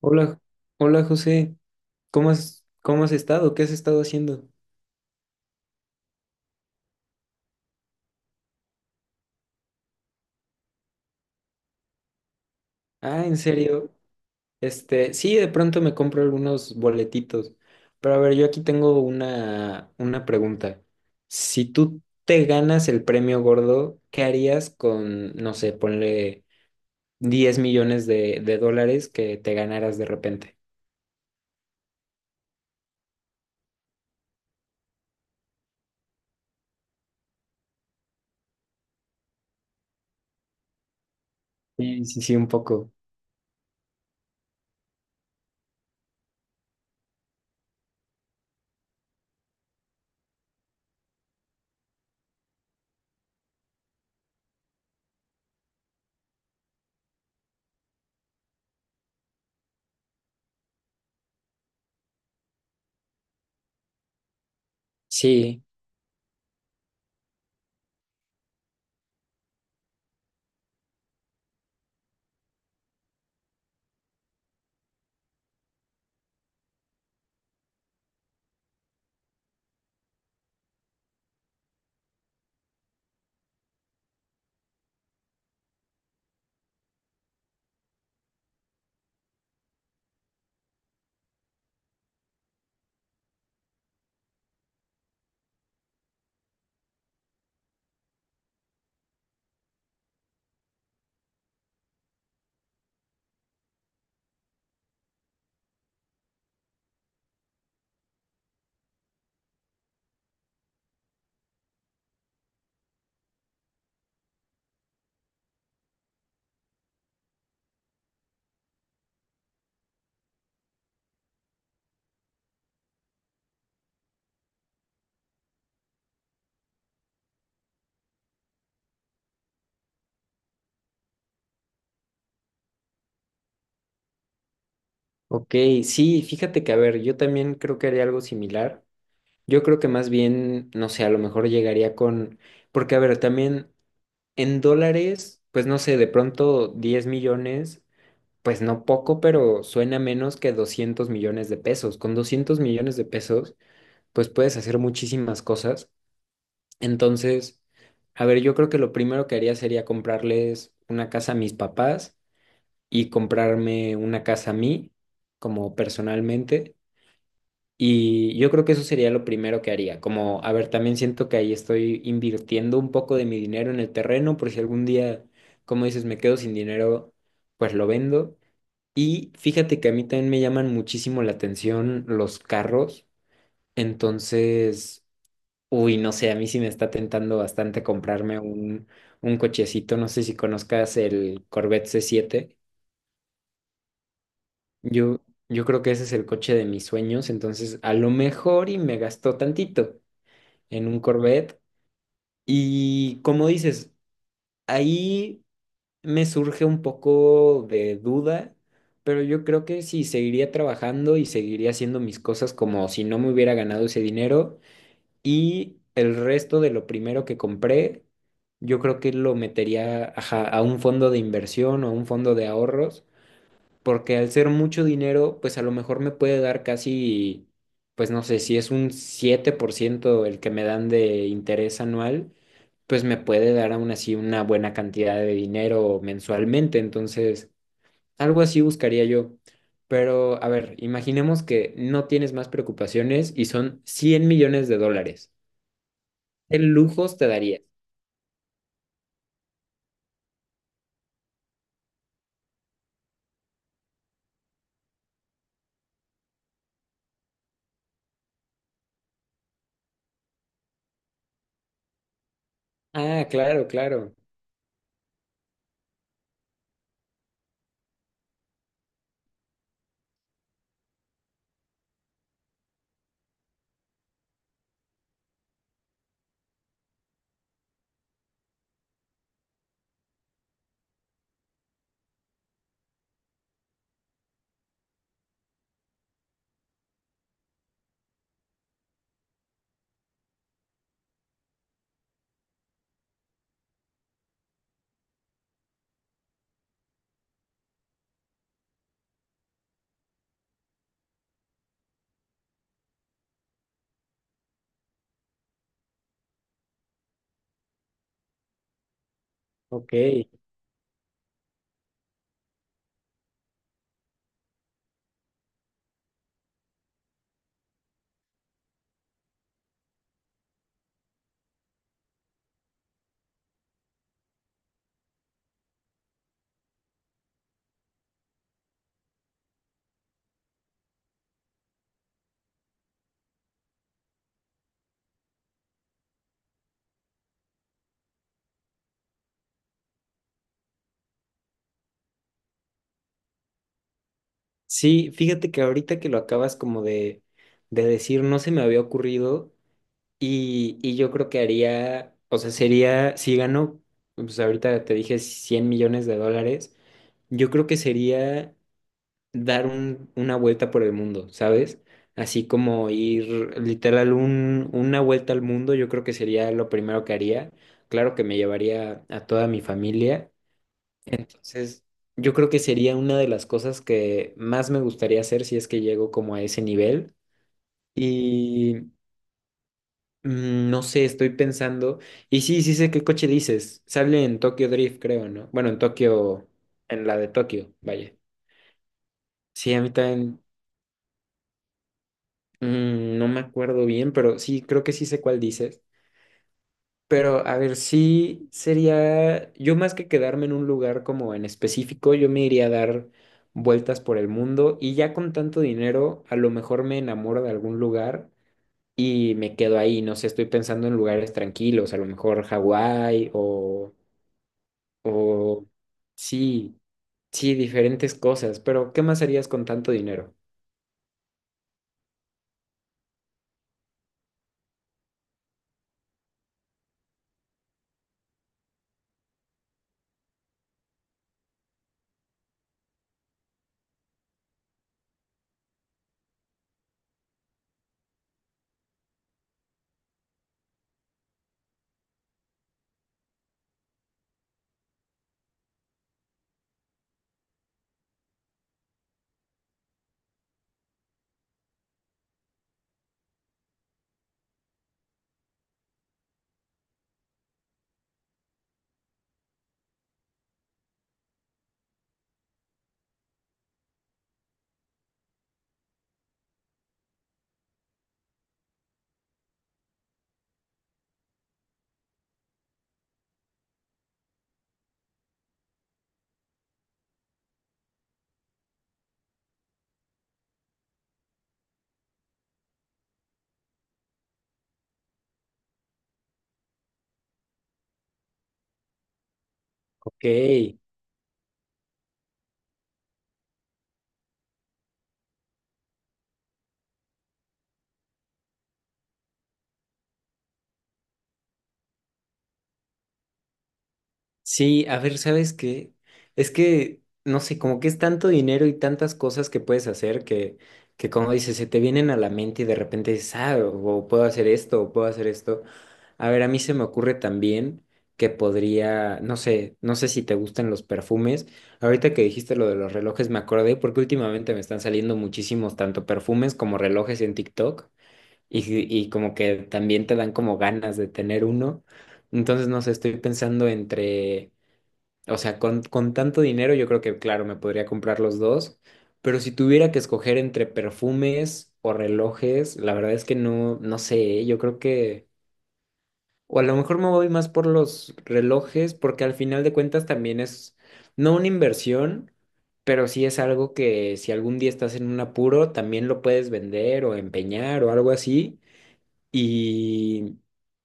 Hola, hola José, ¿cómo has estado? ¿Qué has estado haciendo? Ah, ¿en serio? Este, sí, de pronto me compro algunos boletitos, pero a ver, yo aquí tengo una pregunta. Si tú te ganas el premio gordo, ¿qué harías con, no sé, ponle 10 millones de dólares que te ganaras de repente? Sí, sí, sí, un poco. Sí, ok, sí, fíjate que, a ver, yo también creo que haría algo similar. Yo creo que más bien, no sé, a lo mejor llegaría con, porque a ver, también en dólares, pues no sé, de pronto 10 millones, pues no poco, pero suena menos que 200 millones de pesos. Con 200 millones de pesos, pues puedes hacer muchísimas cosas. Entonces, a ver, yo creo que lo primero que haría sería comprarles una casa a mis papás y comprarme una casa a mí, como personalmente. Y yo creo que eso sería lo primero que haría. Como, a ver, también siento que ahí estoy invirtiendo un poco de mi dinero en el terreno, por si algún día, como dices, me quedo sin dinero, pues lo vendo. Y fíjate que a mí también me llaman muchísimo la atención los carros. Entonces, uy, no sé, a mí sí me está tentando bastante un cochecito. No sé si conozcas el Corvette C7. Yo, yo creo que ese es el coche de mis sueños. Entonces, a lo mejor y me gastó tantito en un Corvette. Y como dices, ahí me surge un poco de duda, pero yo creo que sí, seguiría trabajando y seguiría haciendo mis cosas como si no me hubiera ganado ese dinero. Y el resto de lo primero que compré, yo creo que lo metería ajá, a un fondo de inversión o un fondo de ahorros porque al ser mucho dinero, pues a lo mejor me puede dar casi, pues no sé, si es un 7% el que me dan de interés anual, pues me puede dar aún así una buena cantidad de dinero mensualmente. Entonces, algo así buscaría yo. Pero, a ver, imaginemos que no tienes más preocupaciones y son 100 millones de dólares. ¿Qué lujos te darías? Ah, claro, claro. Ok. Sí, fíjate que ahorita que lo acabas como de decir, no se me había ocurrido y yo creo que haría, o sea, sería, si gano, pues ahorita te dije 100 millones de dólares, yo creo que sería dar una vuelta por el mundo, ¿sabes? Así como ir literal una vuelta al mundo, yo creo que sería lo primero que haría. Claro que me llevaría a toda mi familia, entonces, yo creo que sería una de las cosas que más me gustaría hacer si es que llego como a ese nivel. Y mm, no sé, estoy pensando. Y sí, sí sé qué coche dices. Sale en Tokyo Drift, creo, ¿no? Bueno, en Tokio, en la de Tokio, vaya. Sí, a mí también no me acuerdo bien, pero sí, creo que sí sé cuál dices. Pero a ver, sí sería, yo más que quedarme en un lugar como en específico, yo me iría a dar vueltas por el mundo y ya con tanto dinero, a lo mejor me enamoro de algún lugar y me quedo ahí, no sé, estoy pensando en lugares tranquilos, a lo mejor Hawái o sí, sí, diferentes cosas, pero ¿qué más harías con tanto dinero? Ok. Sí, a ver, ¿sabes qué? Es que, no sé, como que es tanto dinero y tantas cosas que puedes hacer que como dices, se te vienen a la mente y de repente dices, ah, o puedo hacer esto, o puedo hacer esto. A ver, a mí se me ocurre también que podría, no sé, no sé si te gustan los perfumes. Ahorita que dijiste lo de los relojes, me acordé porque últimamente me están saliendo muchísimos, tanto perfumes como relojes en TikTok y, y como que también te dan como ganas de tener uno. Entonces, no sé, estoy pensando entre. O sea, con tanto dinero yo creo que, claro, me podría comprar los dos, pero si tuviera que escoger entre perfumes o relojes, la verdad es que no sé, ¿eh? Yo creo que, o a lo mejor me voy más por los relojes, porque al final de cuentas también es, no una inversión, pero sí es algo que si algún día estás en un apuro, también lo puedes vender o empeñar o algo así, y,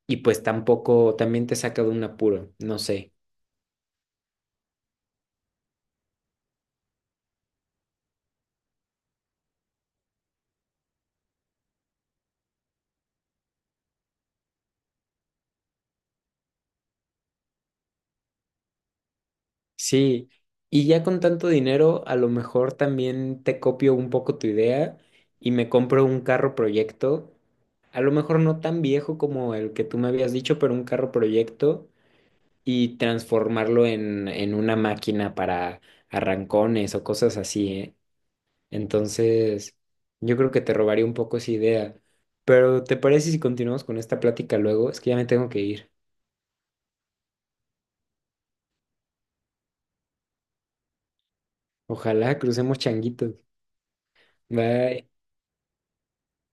y pues tampoco, también te saca de un apuro, no sé. Sí, y ya con tanto dinero, a lo mejor también te copio un poco tu idea y me compro un carro proyecto, a lo mejor no tan viejo como el que tú me habías dicho, pero un carro proyecto y transformarlo en una máquina para arrancones o cosas así, ¿eh? Entonces, yo creo que te robaría un poco esa idea. Pero ¿te parece si continuamos con esta plática luego? Es que ya me tengo que ir. Ojalá crucemos changuitos. Bye.